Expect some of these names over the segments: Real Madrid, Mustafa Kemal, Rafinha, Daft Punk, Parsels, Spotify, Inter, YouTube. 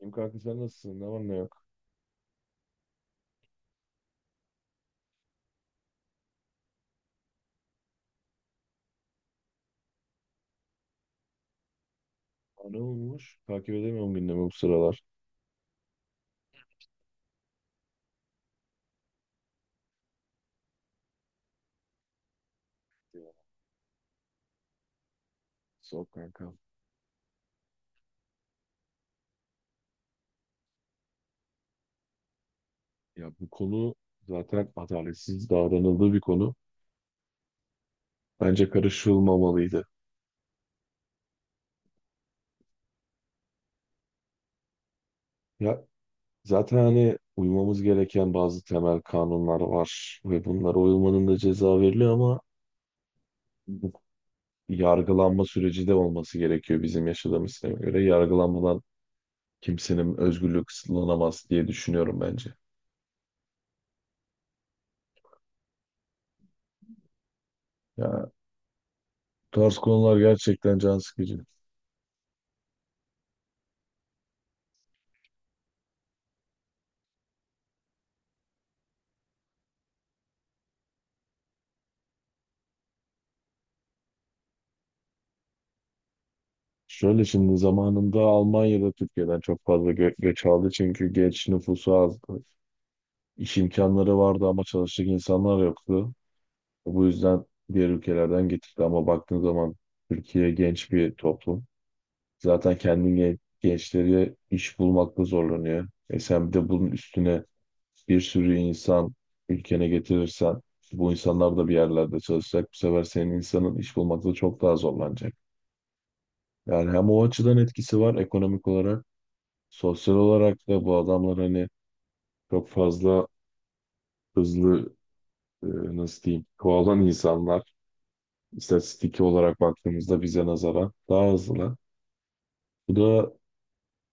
İyiyim kanka, sen nasılsın? Ne var ne yok? Aa, ne olmuş? Takip edemiyorum gündemi bu sıralar. Ya, soğuk kanka. Ya bu konu zaten adaletsiz davranıldığı bir konu. Bence karışılmamalıydı. Ya zaten hani uymamız gereken bazı temel kanunlar var ve bunlara uyulmanın da ceza veriliyor ama bu yargılanma süreci de olması gerekiyor bizim yaşadığımız sisteme göre. Yargılanmadan kimsenin özgürlüğü kısıtlanamaz diye düşünüyorum bence. Ya bu tarz konular gerçekten can sıkıcı. Şöyle, şimdi zamanında Almanya'da Türkiye'den çok fazla göç aldı çünkü genç nüfusu azdı. İş imkanları vardı ama çalışacak insanlar yoktu. Bu yüzden diğer ülkelerden getirdi ama baktığın zaman Türkiye genç bir toplum. Zaten kendi gençleri iş bulmakta zorlanıyor. E sen bir de bunun üstüne bir sürü insan ülkene getirirsen bu insanlar da bir yerlerde çalışacak. Bu sefer senin insanın iş bulmakta çok daha zorlanacak. Yani hem o açıdan etkisi var ekonomik olarak. Sosyal olarak da bu adamlar hani çok fazla hızlı, e, nasıl diyeyim, kovalan insanlar. İstatistiki olarak baktığımızda bize nazaran daha hızlı. Bu da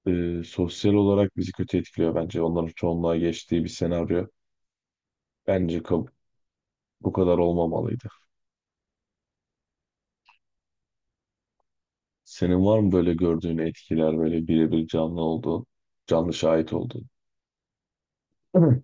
sosyal olarak bizi kötü etkiliyor bence. Onların çoğunluğa geçtiği bir senaryo. Bence kab- Bu kadar olmamalıydı. Senin var mı böyle gördüğün etkiler, böyle birebir canlı olduğun, canlı şahit olduğun? Evet.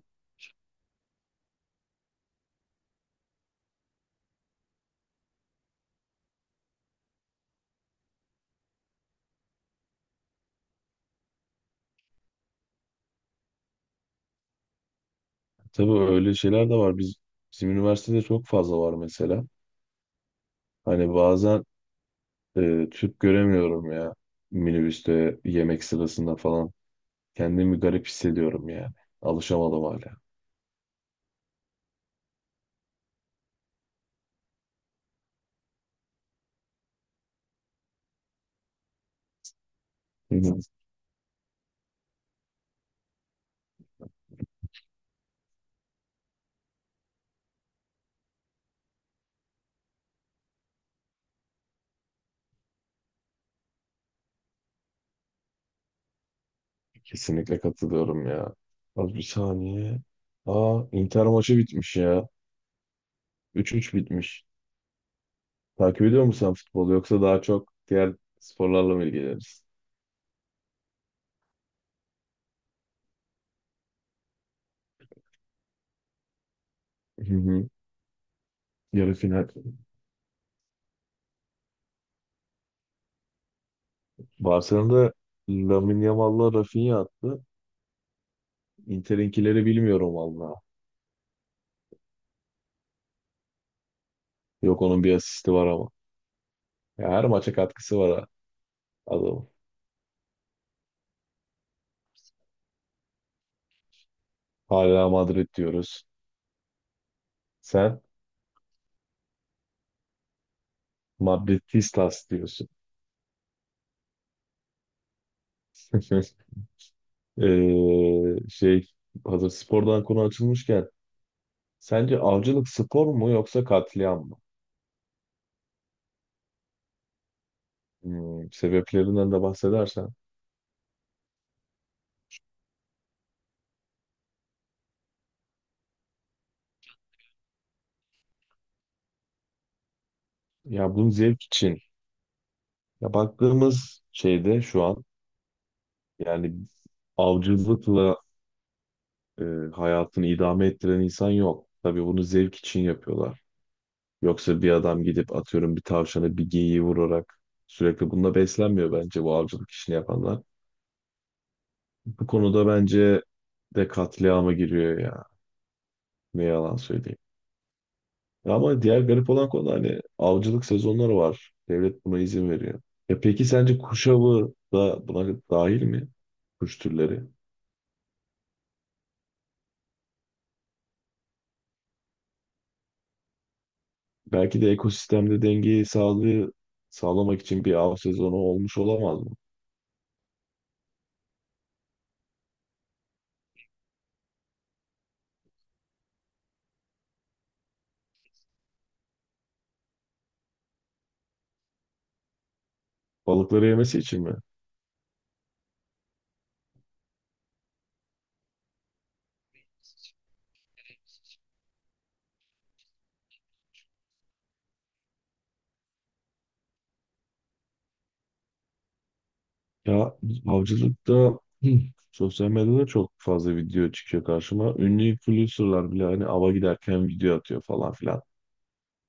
Tabii öyle şeyler de var. Bizim üniversitede çok fazla var mesela. Hani bazen Türk göremiyorum ya. Minibüste, yemek sırasında falan. Kendimi garip hissediyorum yani. Alışamadım hala. Hı hı. Kesinlikle katılıyorum ya. Az bir saniye. Aa, Inter maçı bitmiş ya. 3-3 bitmiş. Takip ediyor musun sen futbolu yoksa daha çok diğer sporlarla mı ilgileniyorsun? Hı hı. Yarı final. Barcelona'da Lamine Yamal'la Rafinha attı. Inter'inkileri bilmiyorum valla. Yok, onun bir asisti var ama. Ya her maça katkısı var ha adamın. Hala Madrid diyoruz. Sen Madridistas diyorsun. Ee, şey Hazır spordan konu açılmışken sence avcılık spor mu yoksa katliam mı? Hmm, sebeplerinden de bahsedersen. Ya bunun zevk için. Ya baktığımız şeyde şu an yani avcılıkla e, hayatını idame ettiren insan yok. Tabii bunu zevk için yapıyorlar. Yoksa bir adam gidip atıyorum bir tavşanı bir geyiği vurarak sürekli bununla beslenmiyor bence bu avcılık işini yapanlar. Bu konuda bence de katliama giriyor ya. Ne yalan söyleyeyim. Ama diğer garip olan konu hani avcılık sezonları var. Devlet buna izin veriyor. E peki sence kuş avı da buna dahil mi? Kuş türleri. Belki de ekosistemde dengeyi sağlığı sağlamak için bir av sezonu olmuş olamaz mı? Balıkları yemesi için mi? Ya avcılıkta hı, sosyal medyada çok fazla video çıkıyor karşıma. Ünlü influencerlar bile hani ava giderken video atıyor falan filan.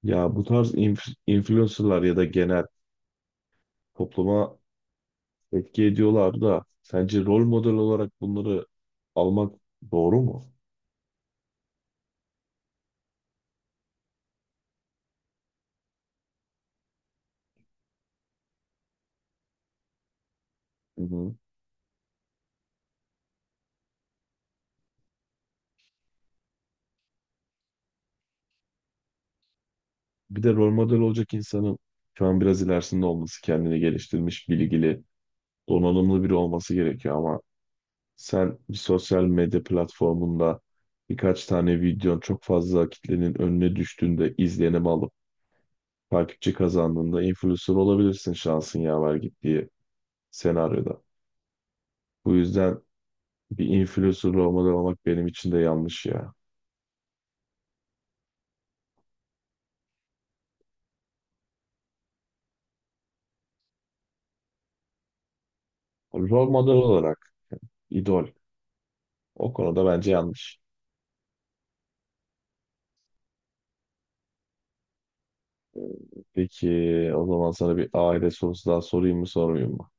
Ya bu tarz influencerlar ya da genel topluma etki ediyorlar da sence rol model olarak bunları almak doğru mu? Hı hı. Bir de rol model olacak insanın şu an biraz ilerisinde olması, kendini geliştirmiş, bilgili, donanımlı biri olması gerekiyor ama sen bir sosyal medya platformunda birkaç tane videon çok fazla kitlenin önüne düştüğünde izlenim alıp takipçi kazandığında influencer olabilirsin, şansın yaver gittiği senaryoda. Bu yüzden bir influencer olmadan olmak benim için de yanlış ya. Rol model olarak, idol. O konuda bence yanlış. Peki, o zaman sana bir aile sorusu daha sorayım mı sormayayım mı?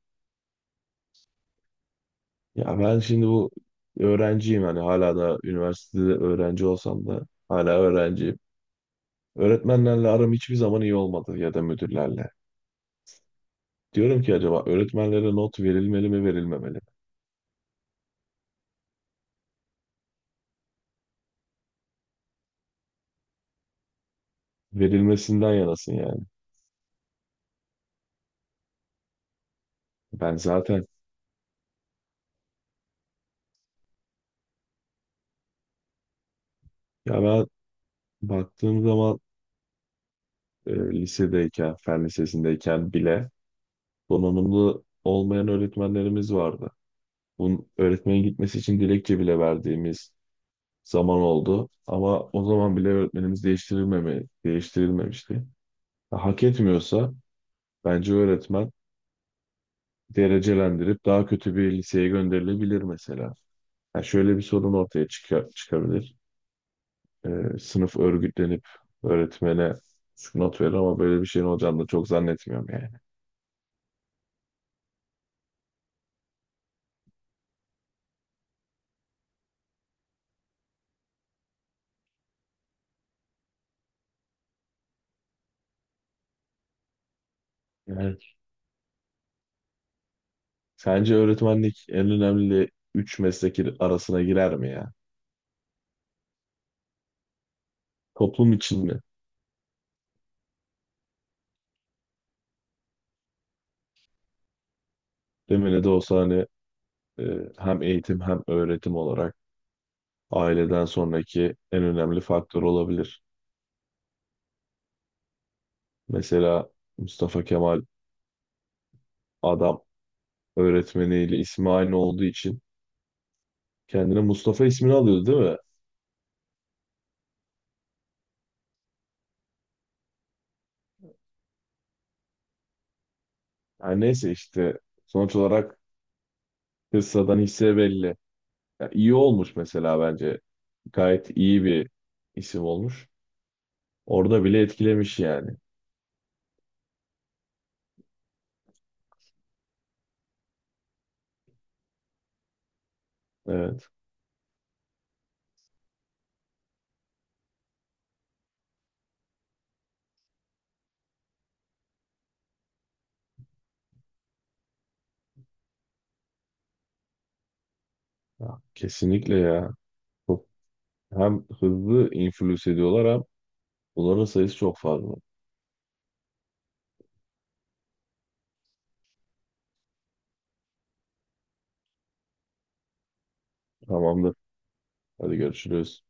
Ya ben şimdi bu öğrenciyim, hani hala da üniversitede öğrenci olsam da hala öğrenciyim. Öğretmenlerle aram hiçbir zaman iyi olmadı, ya da müdürlerle. Diyorum ki acaba öğretmenlere not verilmeli mi verilmemeli? Verilmesinden yanasın yani. Ben zaten, ya ben baktığım zaman lisedeyken, fen lisesindeyken bile donanımlı olmayan öğretmenlerimiz vardı. Bunun öğretmenin gitmesi için dilekçe bile verdiğimiz zaman oldu. Ama o zaman bile öğretmenimiz değiştirilmemişti. Hak etmiyorsa bence öğretmen derecelendirip daha kötü bir liseye gönderilebilir mesela. Yani şöyle bir sorun ortaya çıkabilir. Sınıf örgütlenip öğretmene şu not verir ama böyle bir şeyin olacağını da çok zannetmiyorum yani. Evet. Sence öğretmenlik en önemli üç meslek arasına girer mi ya? Toplum için mi? Demine de olsa hani e, hem eğitim hem öğretim olarak aileden sonraki en önemli faktör olabilir. Mesela Mustafa Kemal adam öğretmeniyle ismi aynı olduğu için kendine Mustafa ismini alıyordu değil mi? Yani neyse işte sonuç olarak kıssadan hisse belli. Ya iyi olmuş mesela bence. Gayet iyi bir isim olmuş. Orada bile etkilemiş yani. Evet. Ya, kesinlikle ya. Çok, hem hızlı influence ediyorlar hem bunların sayısı çok fazla. Tamamdır. Hadi görüşürüz.